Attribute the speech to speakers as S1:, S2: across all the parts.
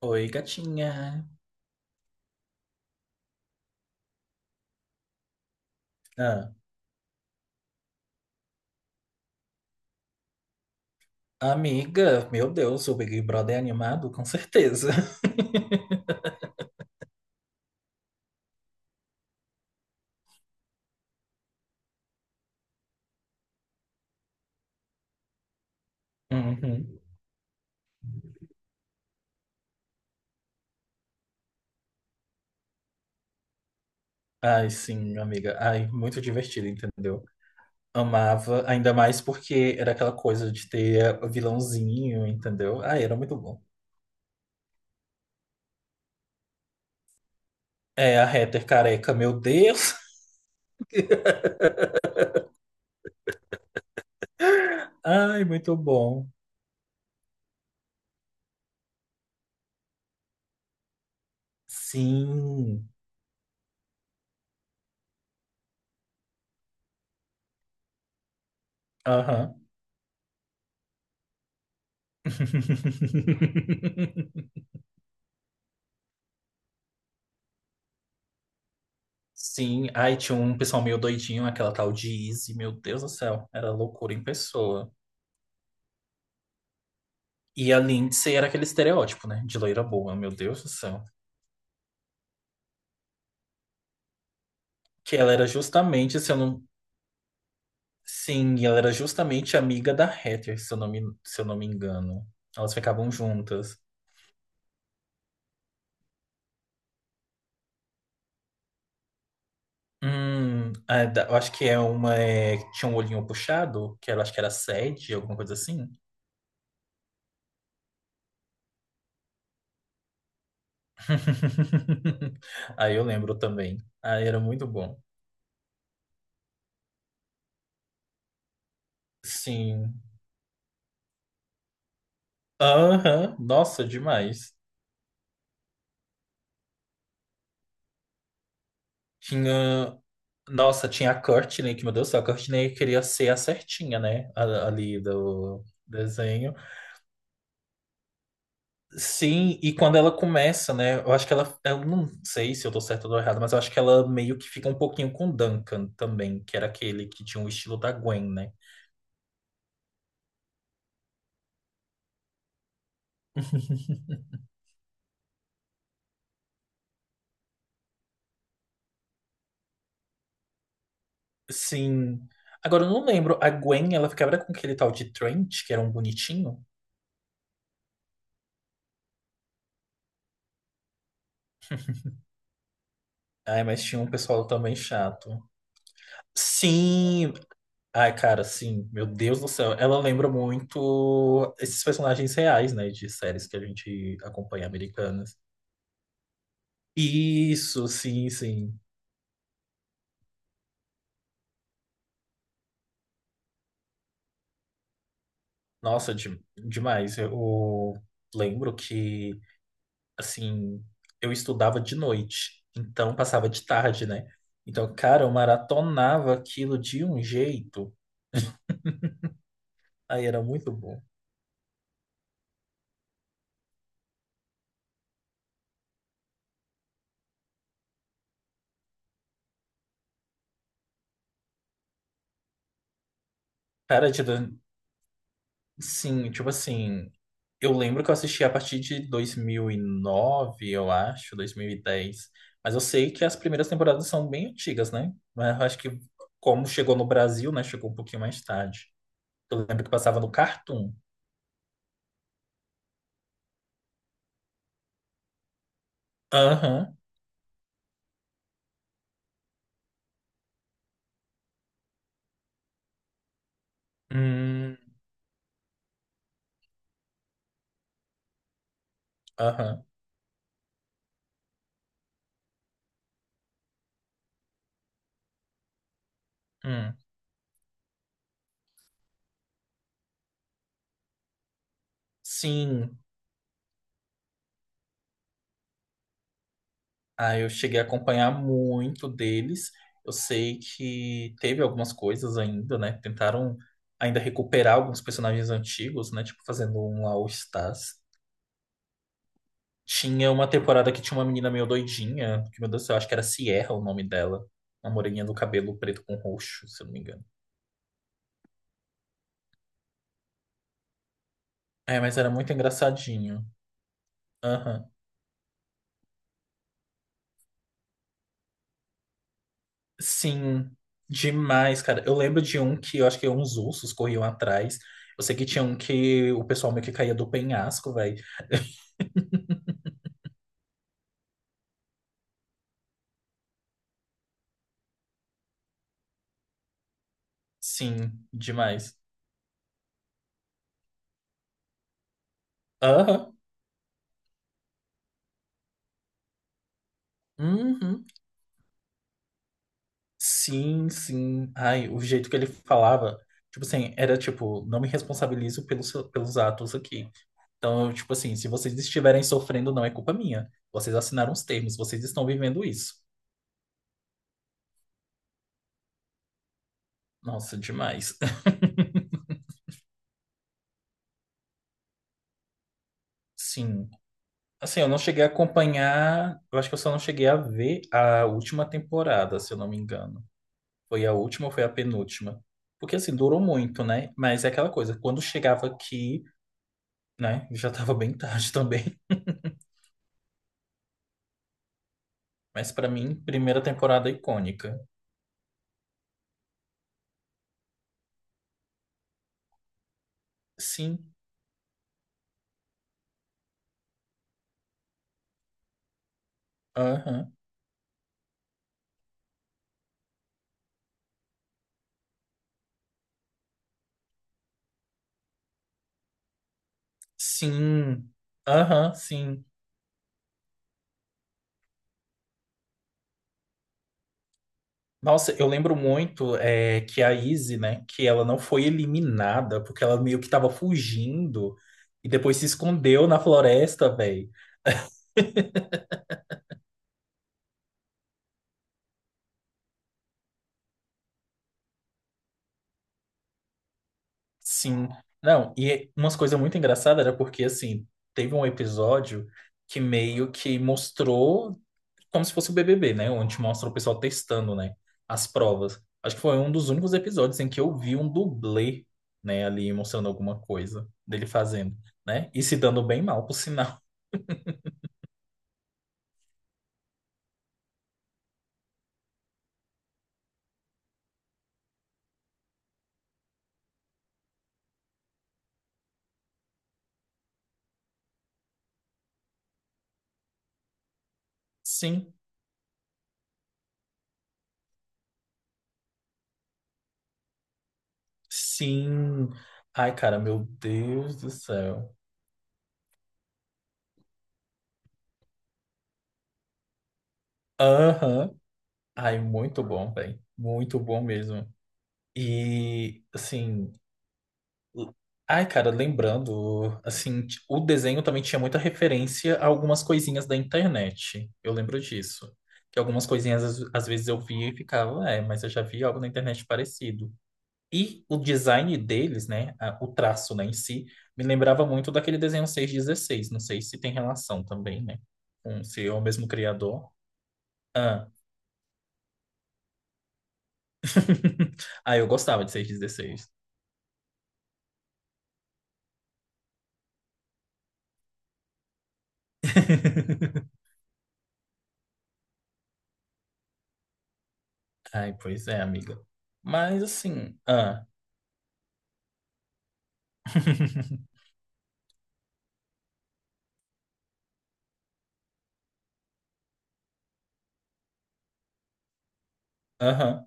S1: Oi, gatinha. Ah, amiga, meu Deus, o Big Brother é animado, com certeza. Uhum. Ai, sim, amiga. Ai, muito divertido, entendeu? Amava, ainda mais porque era aquela coisa de ter o vilãozinho, entendeu? Ai, era muito bom. É, a Heather careca, meu Deus. Ai, muito bom. Sim. Aham. Sim, aí tinha um pessoal meio doidinho, aquela tal de Izzy, meu Deus do céu, era loucura em pessoa. E a Lindsay era aquele estereótipo, né, de loira boa, meu Deus do céu. Que ela era justamente, se eu não... Sim, ela era justamente amiga da Heather, se eu não me engano. Elas ficavam juntas. Eu acho que é que tinha um olhinho puxado, que ela acho que era sede, alguma coisa assim. Aí eu lembro também. Aí era muito bom. Sim. Aham, nossa, demais. Tinha. Nossa, tinha a Courtney, que meu Deus do céu, a Courtney queria ser a certinha, né? Ali do desenho. Sim, e quando ela começa, né? Eu acho que ela. Eu não sei se eu tô certo ou errado, mas eu acho que ela meio que fica um pouquinho com o Duncan também, que era aquele que tinha o estilo da Gwen, né? Sim. Agora eu não lembro, a Gwen, ela ficava com aquele tal de Trent, que era um bonitinho. Ai, mas tinha um pessoal também chato. Sim. Ai, cara, sim, meu Deus do céu. Ela lembra muito esses personagens reais, né, de séries que a gente acompanha americanas. Isso, sim, sim. Nossa, demais. Eu lembro que, assim, eu estudava de noite, então passava de tarde, né? Então, cara, eu maratonava aquilo de um jeito. Aí era muito bom. Cara, sim, tipo assim, eu lembro que eu assisti a partir de 2009 eu acho, 2010. Mas eu sei que as primeiras temporadas são bem antigas, né? Mas eu acho que como chegou no Brasil, né? Chegou um pouquinho mais tarde. Eu lembro que passava no Cartoon. Aham. Hum, aham. Hum. Sim. Aí eu cheguei a acompanhar muito deles. Eu sei que teve algumas coisas ainda, né? Tentaram ainda recuperar alguns personagens antigos, né? Tipo, fazendo um All Stars. Tinha uma temporada que tinha uma menina meio doidinha, que, meu Deus do céu, acho que era Sierra o nome dela. Uma moreninha do cabelo preto com roxo, se eu não me engano. É, mas era muito engraçadinho. Aham. Sim, demais, cara. Eu lembro de um que eu acho que uns ursos corriam atrás. Eu sei que tinha um que o pessoal meio que caía do penhasco, velho. Sim, demais. Aham. Uhum. Sim, sim. Ai, o jeito que ele falava, tipo assim, era tipo, não me responsabilizo pelos atos aqui. Então, eu, tipo assim, se vocês estiverem sofrendo, não é culpa minha. Vocês assinaram os termos, vocês estão vivendo isso. Nossa, demais. Sim. Assim, eu não cheguei a acompanhar, eu acho que eu só não cheguei a ver a última temporada, se eu não me engano. Foi a última ou foi a penúltima? Porque assim, durou muito, né? Mas é aquela coisa, quando chegava aqui, né, já tava bem tarde também. Mas pra mim, primeira temporada icônica. Sim. Aham. Sim. Aham, sim. Nossa, eu lembro muito é, que a Izzy, né, que ela não foi eliminada, porque ela meio que tava fugindo e depois se escondeu na floresta, velho. Sim. Não, e umas coisas muito engraçadas era porque, assim, teve um episódio que meio que mostrou como se fosse o BBB, né, onde mostra o pessoal testando, né, as provas. Acho que foi um dos únicos episódios em que eu vi um dublê, né, ali mostrando alguma coisa dele fazendo, né, e se dando bem mal, por sinal. Sim. Sim. Ai, cara, meu Deus do céu. Aham. Ai, muito bom, velho. Muito bom mesmo. E, assim. l- Ai, cara, lembrando, assim, o desenho também tinha muita referência a algumas coisinhas da internet. Eu lembro disso. Que algumas coisinhas às vezes eu via e ficava, é, mas eu já vi algo na internet parecido. E o design deles, né, o traço, né, em si, me lembrava muito daquele desenho 616. Não sei se tem relação também, né? Com, se é o mesmo criador. Ah, ah eu gostava de 616. Ai, pois é, amiga. Mas assim, ah. Aham,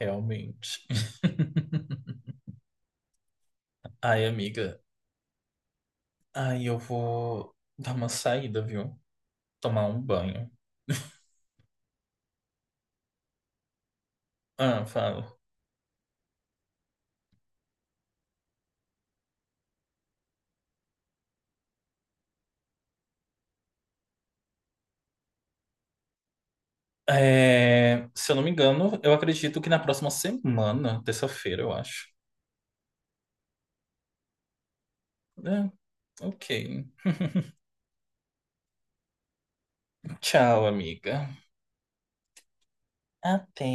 S1: realmente. Ai, amiga. Ai, eu vou dar uma saída, viu? Tomar um banho. Ah, fala. É, se eu não me engano, eu acredito que na próxima semana, terça-feira, eu acho. É, ok. Tchau, amiga. Até.